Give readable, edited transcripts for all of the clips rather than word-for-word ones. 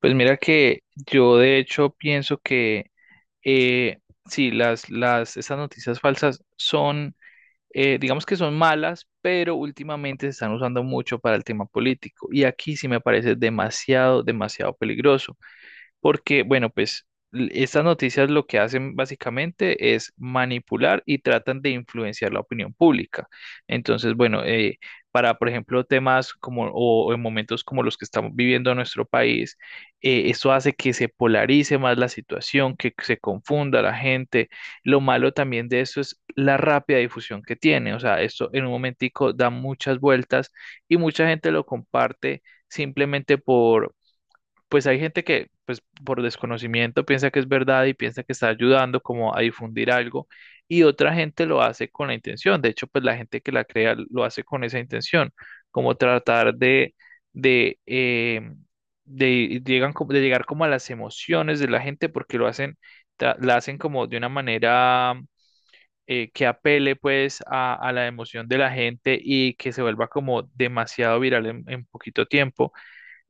Pues mira que yo de hecho pienso que eh, sí, esas noticias falsas son, digamos que son malas, pero últimamente se están usando mucho para el tema político. Y aquí sí me parece demasiado, demasiado peligroso porque, bueno, pues estas noticias lo que hacen básicamente es manipular y tratan de influenciar la opinión pública. Entonces, bueno, por ejemplo, temas como o en momentos como los que estamos viviendo en nuestro país, esto hace que se polarice más la situación, que se confunda la gente. Lo malo también de esto es la rápida difusión que tiene. O sea, esto en un momentico da muchas vueltas y mucha gente lo comparte simplemente por pues hay gente que, pues por desconocimiento piensa que es verdad y piensa que está ayudando como a difundir algo, y otra gente lo hace con la intención. De hecho, pues la gente que la crea lo hace con esa intención, como tratar de, de, eh, de llegar como a las emociones de la gente porque lo hacen, la hacen como de una manera que apele pues a la emoción de la gente y que se vuelva como demasiado viral en poquito tiempo,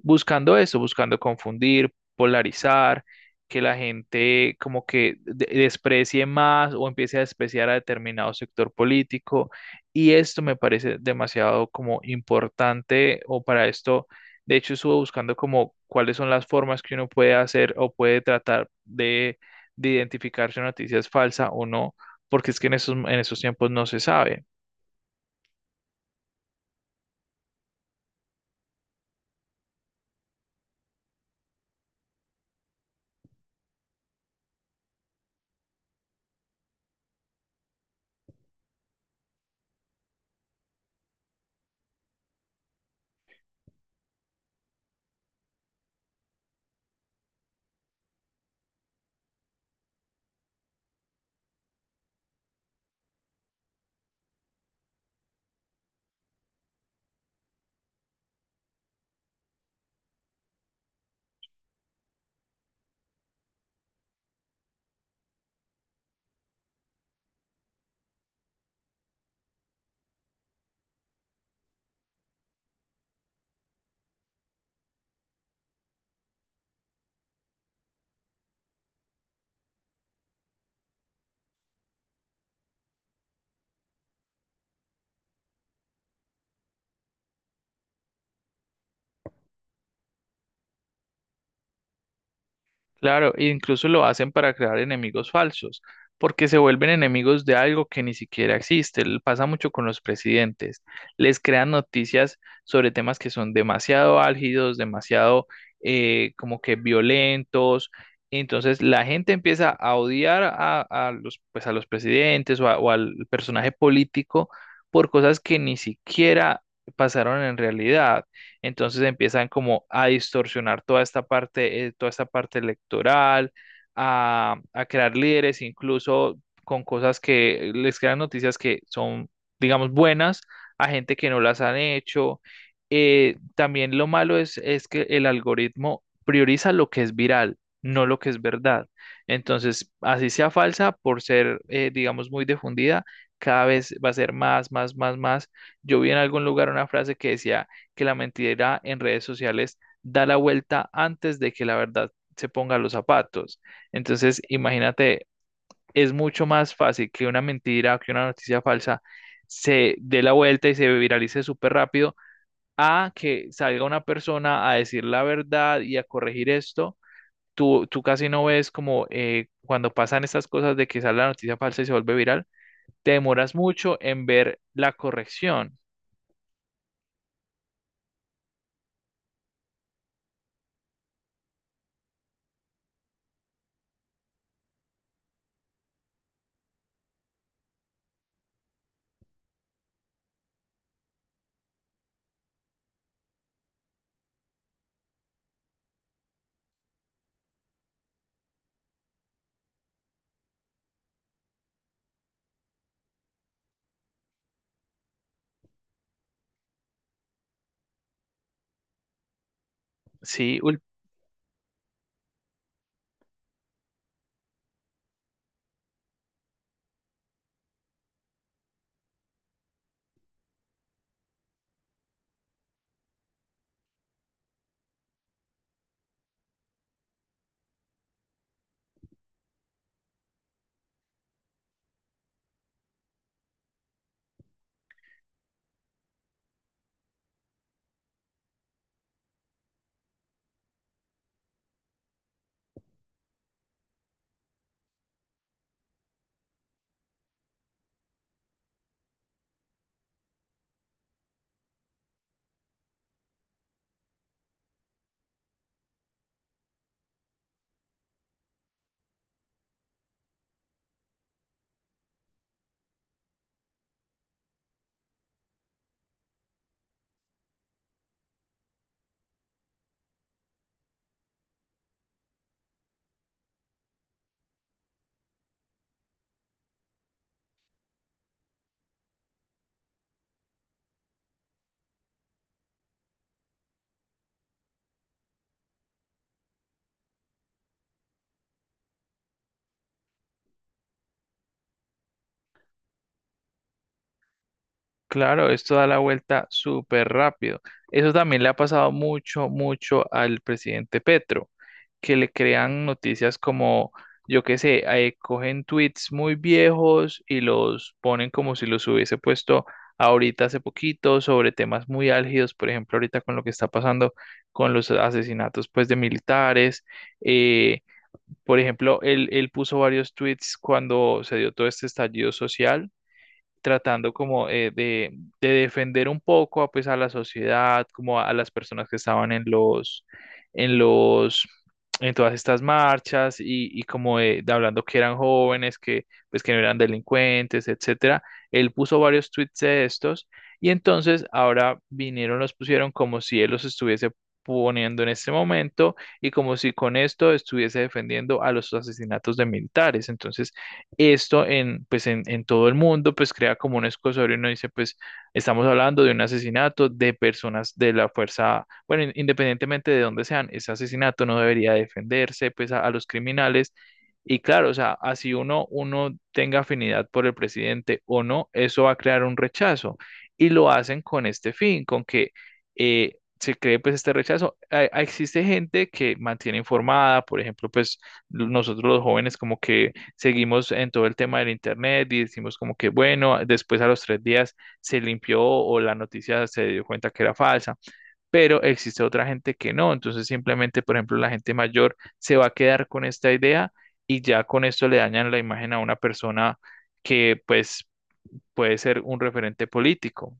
buscando eso, buscando confundir, polarizar, que la gente como que desprecie más o empiece a despreciar a determinado sector político. Y esto me parece demasiado como importante. O para esto, de hecho, estuve buscando como cuáles son las formas que uno puede hacer o puede tratar de, identificar si una noticia es falsa o no, porque es que en esos, tiempos no se sabe. Claro, e incluso lo hacen para crear enemigos falsos, porque se vuelven enemigos de algo que ni siquiera existe. Pasa mucho con los presidentes. Les crean noticias sobre temas que son demasiado álgidos, demasiado, como que violentos. Entonces la gente empieza a odiar a los, pues, a los presidentes o, o al personaje político por cosas que ni siquiera pasaron en realidad. Entonces empiezan como a distorsionar toda esta parte, electoral, a crear líderes, incluso con cosas que les crean noticias que son, digamos, buenas, a gente que no las han hecho. También lo malo es que el algoritmo prioriza lo que es viral, no lo que es verdad. Entonces, así sea falsa, por ser, digamos, muy difundida, cada vez va a ser más, más, más, más. Yo vi en algún lugar una frase que decía que la mentira en redes sociales da la vuelta antes de que la verdad se ponga los zapatos. Entonces, imagínate, es mucho más fácil que una mentira, que una noticia falsa se dé la vuelta y se viralice súper rápido a que salga una persona a decir la verdad y a corregir esto. Tú casi no ves como, cuando pasan estas cosas de que sale la noticia falsa y se vuelve viral, te demoras mucho en ver la corrección. Sí, claro, esto da la vuelta súper rápido. Eso también le ha pasado mucho, mucho al presidente Petro, que le crean noticias como, yo qué sé, cogen tweets muy viejos y los ponen como si los hubiese puesto ahorita hace poquito sobre temas muy álgidos, por ejemplo, ahorita con lo que está pasando con los asesinatos pues de militares. eh, por ejemplo, él puso varios tweets cuando se dio todo este estallido social, tratando como, de defender un poco pues a la sociedad, como a las personas que estaban en los, en todas estas marchas, y como de, hablando, que eran jóvenes, que pues que no eran delincuentes, etcétera. Él puso varios tweets de estos y entonces ahora vinieron, los pusieron como si él los estuviese poniendo en este momento y como si con esto estuviese defendiendo a los asesinatos de militares. Entonces, esto en, pues en todo el mundo, pues crea como un escosorio y uno dice, pues estamos hablando de un asesinato de personas de la fuerza, bueno, independientemente de dónde sean, ese asesinato no debería defenderse, pues a los criminales. Y claro, o sea, así uno tenga afinidad por el presidente o no, eso va a crear un rechazo. Y lo hacen con este fin, con que, se cree pues este rechazo. Existe gente que mantiene informada, por ejemplo, pues nosotros los jóvenes, como que seguimos en todo el tema del internet y decimos como que, bueno, después a los 3 días se limpió o la noticia se dio cuenta que era falsa, pero existe otra gente que no, entonces simplemente, por ejemplo, la gente mayor se va a quedar con esta idea y ya con esto le dañan la imagen a una persona que pues puede ser un referente político.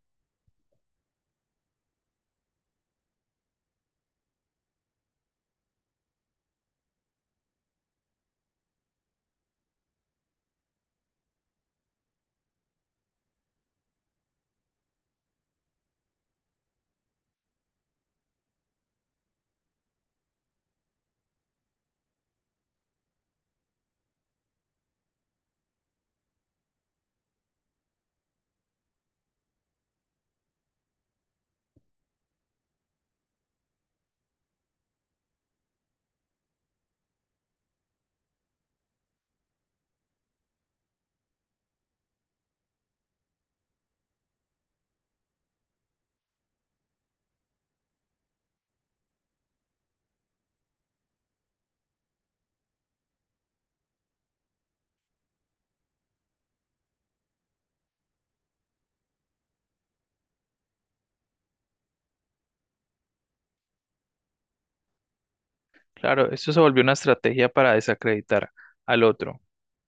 Claro, esto se volvió una estrategia para desacreditar al otro.